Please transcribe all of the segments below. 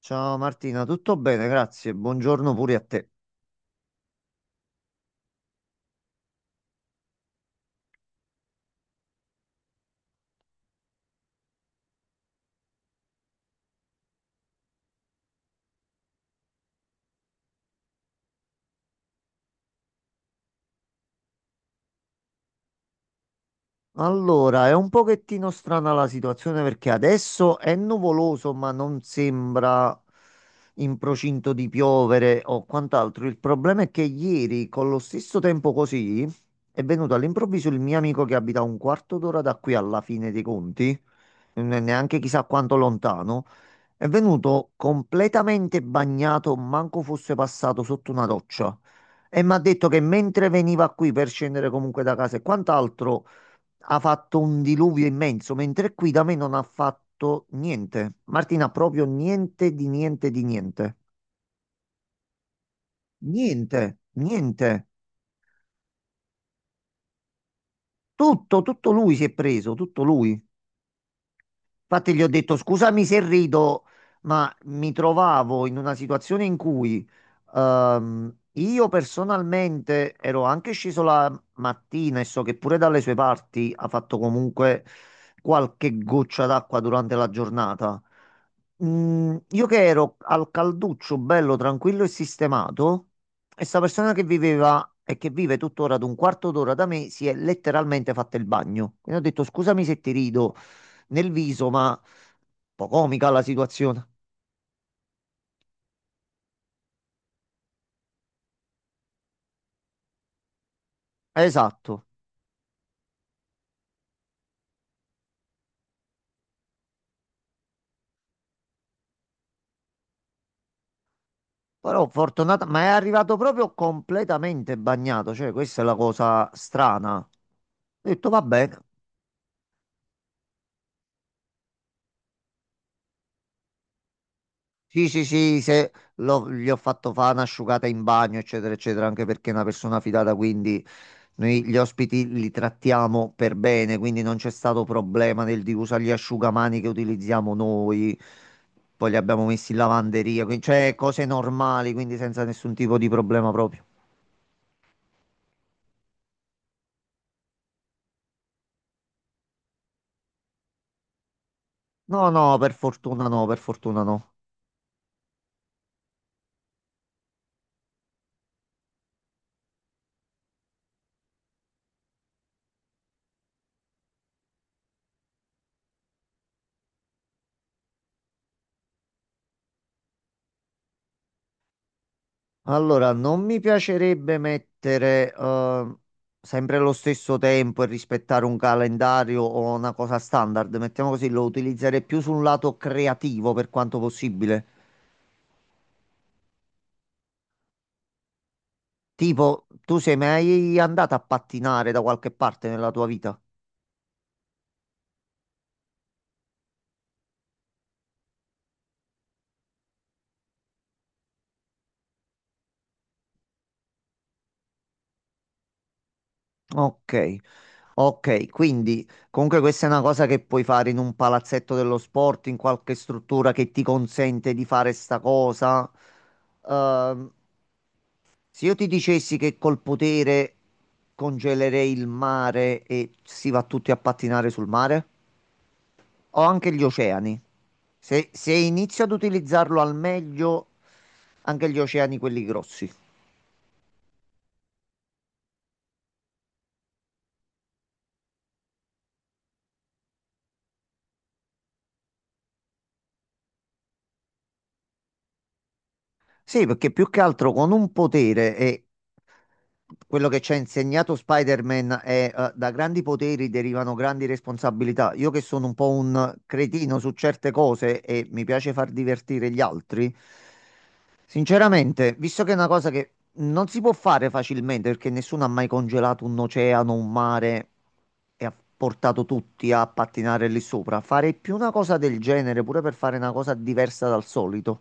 Ciao Martina, tutto bene? Grazie. Buongiorno pure a te. Allora, è un pochettino strana la situazione perché adesso è nuvoloso, ma non sembra in procinto di piovere o quant'altro. Il problema è che ieri, con lo stesso tempo così, è venuto all'improvviso il mio amico che abita un quarto d'ora da qui alla fine dei conti, neanche chissà quanto lontano. È venuto completamente bagnato, manco fosse passato sotto una roccia. E mi ha detto che mentre veniva qui per scendere comunque da casa e quant'altro, ha fatto un diluvio immenso, mentre qui da me non ha fatto niente. Martina, proprio niente di niente di niente. Niente, niente. Tutto, tutto lui si è preso, tutto lui. Infatti gli ho detto scusami se rido, ma mi trovavo in una situazione in cui io personalmente ero anche sceso la mattina e so che pure dalle sue parti ha fatto comunque qualche goccia d'acqua durante la giornata. Mm, io che ero al calduccio, bello, tranquillo e sistemato, e sta persona che viveva e che vive tuttora ad un quarto d'ora da me si è letteralmente fatta il bagno. Quindi ho detto scusami se ti rido nel viso, ma un po' comica la situazione. Esatto. Però fortunata, ma è arrivato proprio completamente bagnato, cioè questa è la cosa strana. Ho detto va bene. Sì, sì, sì, se l'ho- gli ho fatto fare un'asciugata in bagno, eccetera, eccetera, anche perché è una persona fidata, quindi noi gli ospiti li trattiamo per bene, quindi non c'è stato problema nel di usare gli asciugamani che utilizziamo noi, poi li abbiamo messi in lavanderia, quindi cioè cose normali, quindi senza nessun tipo di problema proprio. No, no, per fortuna no, per fortuna no. Allora, non mi piacerebbe mettere sempre lo stesso tempo e rispettare un calendario o una cosa standard. Mettiamo così, lo utilizzerei più sul lato creativo per quanto possibile. Tipo, tu sei mai andato a pattinare da qualche parte nella tua vita? Ok. Ok, quindi comunque questa è una cosa che puoi fare in un palazzetto dello sport, in qualche struttura che ti consente di fare sta cosa. Ehm, Se io ti dicessi che col potere congelerei il mare e si va tutti a pattinare sul mare, o anche gli oceani, se inizio ad utilizzarlo al meglio, anche gli oceani, quelli grossi. Sì, perché più che altro con un potere e quello che ci ha insegnato Spider-Man è, da grandi poteri derivano grandi responsabilità. Io che sono un po' un cretino su certe cose e mi piace far divertire gli altri, sinceramente, visto che è una cosa che non si può fare facilmente perché nessuno ha mai congelato un oceano, un mare e ha portato tutti a pattinare lì sopra, fare più una cosa del genere pure per fare una cosa diversa dal solito.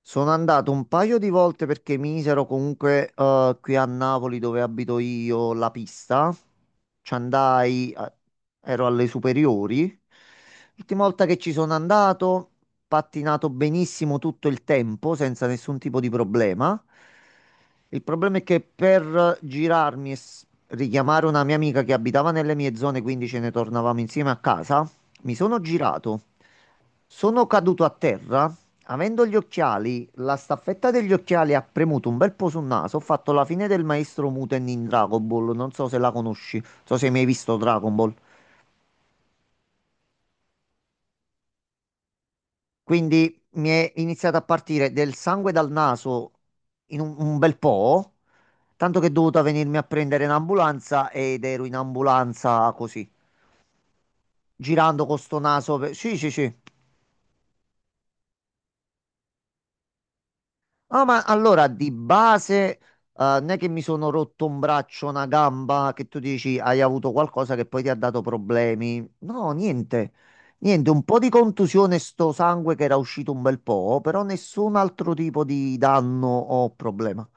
Sono andato un paio di volte perché misero comunque, qui a Napoli dove abito io la pista. Ci andai, ero alle superiori. L'ultima volta che ci sono andato, pattinato benissimo tutto il tempo, senza nessun tipo di problema. Il problema è che per girarmi e richiamare una mia amica che abitava nelle mie zone, quindi ce ne tornavamo insieme a casa, mi sono girato. Sono caduto a terra. Avendo gli occhiali, la staffetta degli occhiali ha premuto un bel po' sul naso. Ho fatto la fine del maestro Muten in Dragon Ball. Non so se la conosci, non so se mi hai mai visto Dragon Ball. Quindi mi è iniziato a partire del sangue dal naso in un bel po', tanto che è dovuta venirmi a prendere in ambulanza ed ero in ambulanza così, girando con sto naso. Sì, sì, sì. Ah, ma allora di base, non è che mi sono rotto un braccio, una gamba, che tu dici hai avuto qualcosa che poi ti ha dato problemi. No, niente. Niente, un po' di contusione, sto sangue che era uscito un bel po', però nessun altro tipo di danno o problema.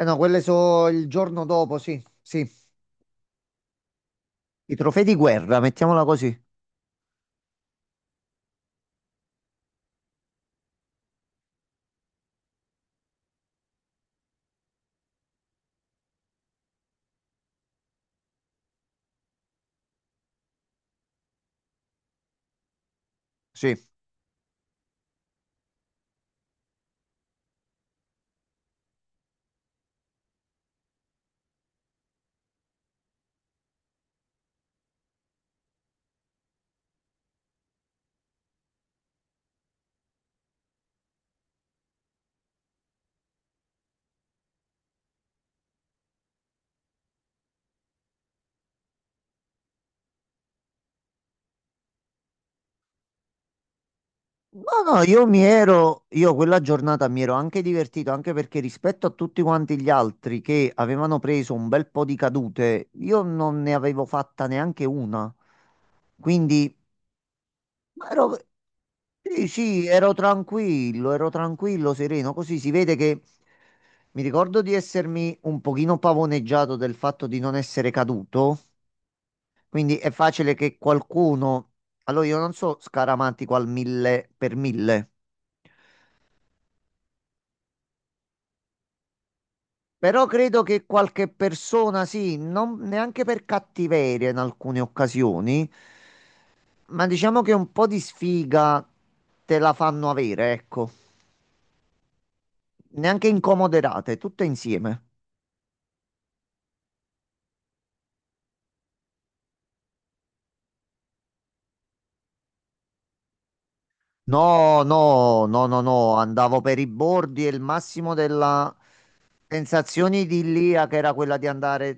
Eh no, quelle so il giorno dopo, sì, sì. I trofei di guerra, mettiamola così. Sì. No, no, io quella giornata mi ero anche divertito, anche perché rispetto a tutti quanti gli altri che avevano preso un bel po' di cadute, io non ne avevo fatta neanche una. Quindi ero, sì, sì, ero tranquillo, sereno. Così si vede che mi ricordo di essermi un pochino pavoneggiato del fatto di non essere caduto. Quindi è facile che qualcuno, allora io non so scaramantico al mille per mille. Però credo che qualche persona, sì, non neanche per cattiveria in alcune occasioni, ma diciamo che un po' di sfiga te la fanno avere, ecco. Neanche incomoderate, tutte insieme. No, no, no, no, no, andavo per i bordi e il massimo della sensazione idilliaca era quella di andare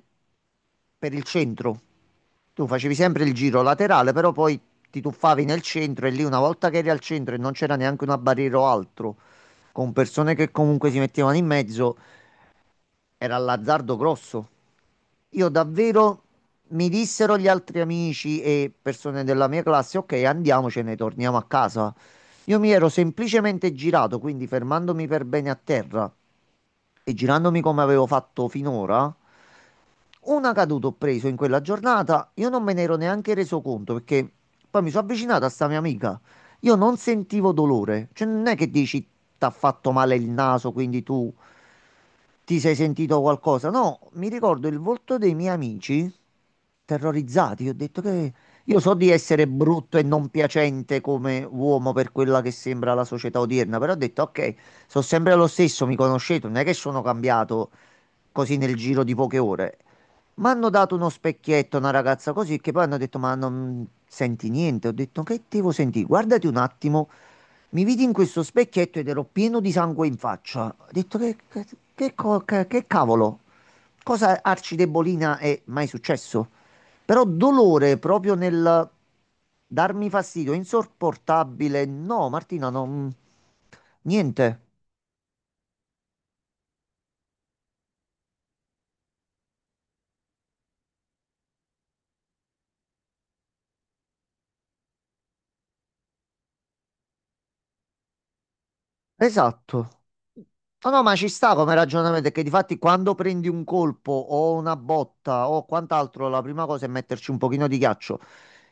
per il centro. Tu facevi sempre il giro laterale, però poi ti tuffavi nel centro e lì una volta che eri al centro e non c'era neanche una barriera o altro con persone che comunque si mettevano in mezzo, era l'azzardo grosso. Io davvero, mi dissero gli altri amici e persone della mia classe, ok, andiamocene, torniamo a casa. Io mi ero semplicemente girato, quindi fermandomi per bene a terra e girandomi come avevo fatto finora, una caduta ho preso in quella giornata, io non me ne ero neanche reso conto perché poi mi sono avvicinato a sta mia amica. Io non sentivo dolore, cioè non è che dici t'ha fatto male il naso, quindi tu ti sei sentito qualcosa? No, mi ricordo il volto dei miei amici terrorizzati. Ho detto che io so di essere brutto e non piacente come uomo per quella che sembra la società odierna, però ho detto ok, sono sempre lo stesso, mi conoscete, non è che sono cambiato così nel giro di poche ore. Mi hanno dato uno specchietto, una ragazza così, che poi hanno detto ma non senti niente. Ho detto che devo sentire? Guardati un attimo. Mi vidi in questo specchietto ed ero pieno di sangue in faccia. Ho detto che cavolo, cosa arcidebolina è mai successo? Però dolore proprio nel darmi fastidio, insopportabile. No, Martina, non... niente. Esatto. No, no, ma ci sta come ragionamento, è che difatti quando prendi un colpo o una botta o quant'altro, la prima cosa è metterci un pochino di ghiaccio.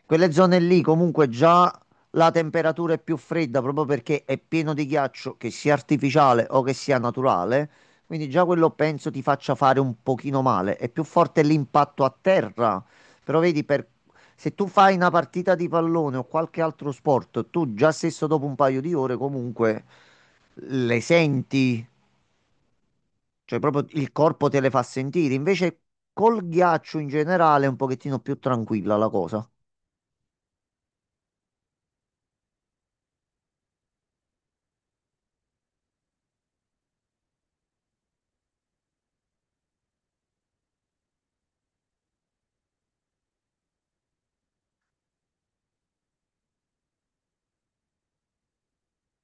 Quelle zone lì comunque già la temperatura è più fredda proprio perché è pieno di ghiaccio, che sia artificiale o che sia naturale, quindi già quello penso ti faccia fare un pochino male. È più forte l'impatto a terra, però vedi per... Se tu fai una partita di pallone o qualche altro sport, tu già stesso dopo un paio di ore comunque le senti, cioè proprio il corpo te le fa sentire. Invece col ghiaccio in generale è un pochettino più tranquilla la cosa.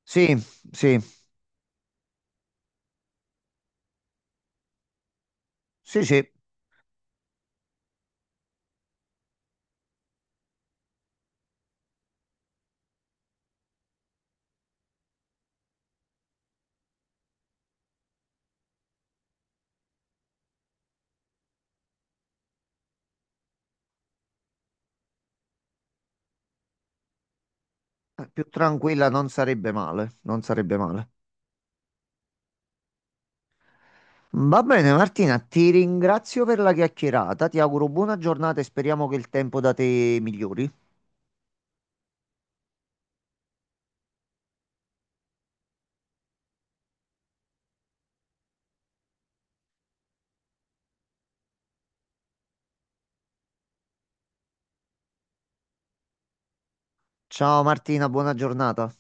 Sì, sì, sì, sì, più tranquilla non sarebbe male, non sarebbe male. Va bene Martina, ti ringrazio per la chiacchierata, ti auguro buona giornata e speriamo che il tempo da te migliori. Ciao Martina, buona giornata.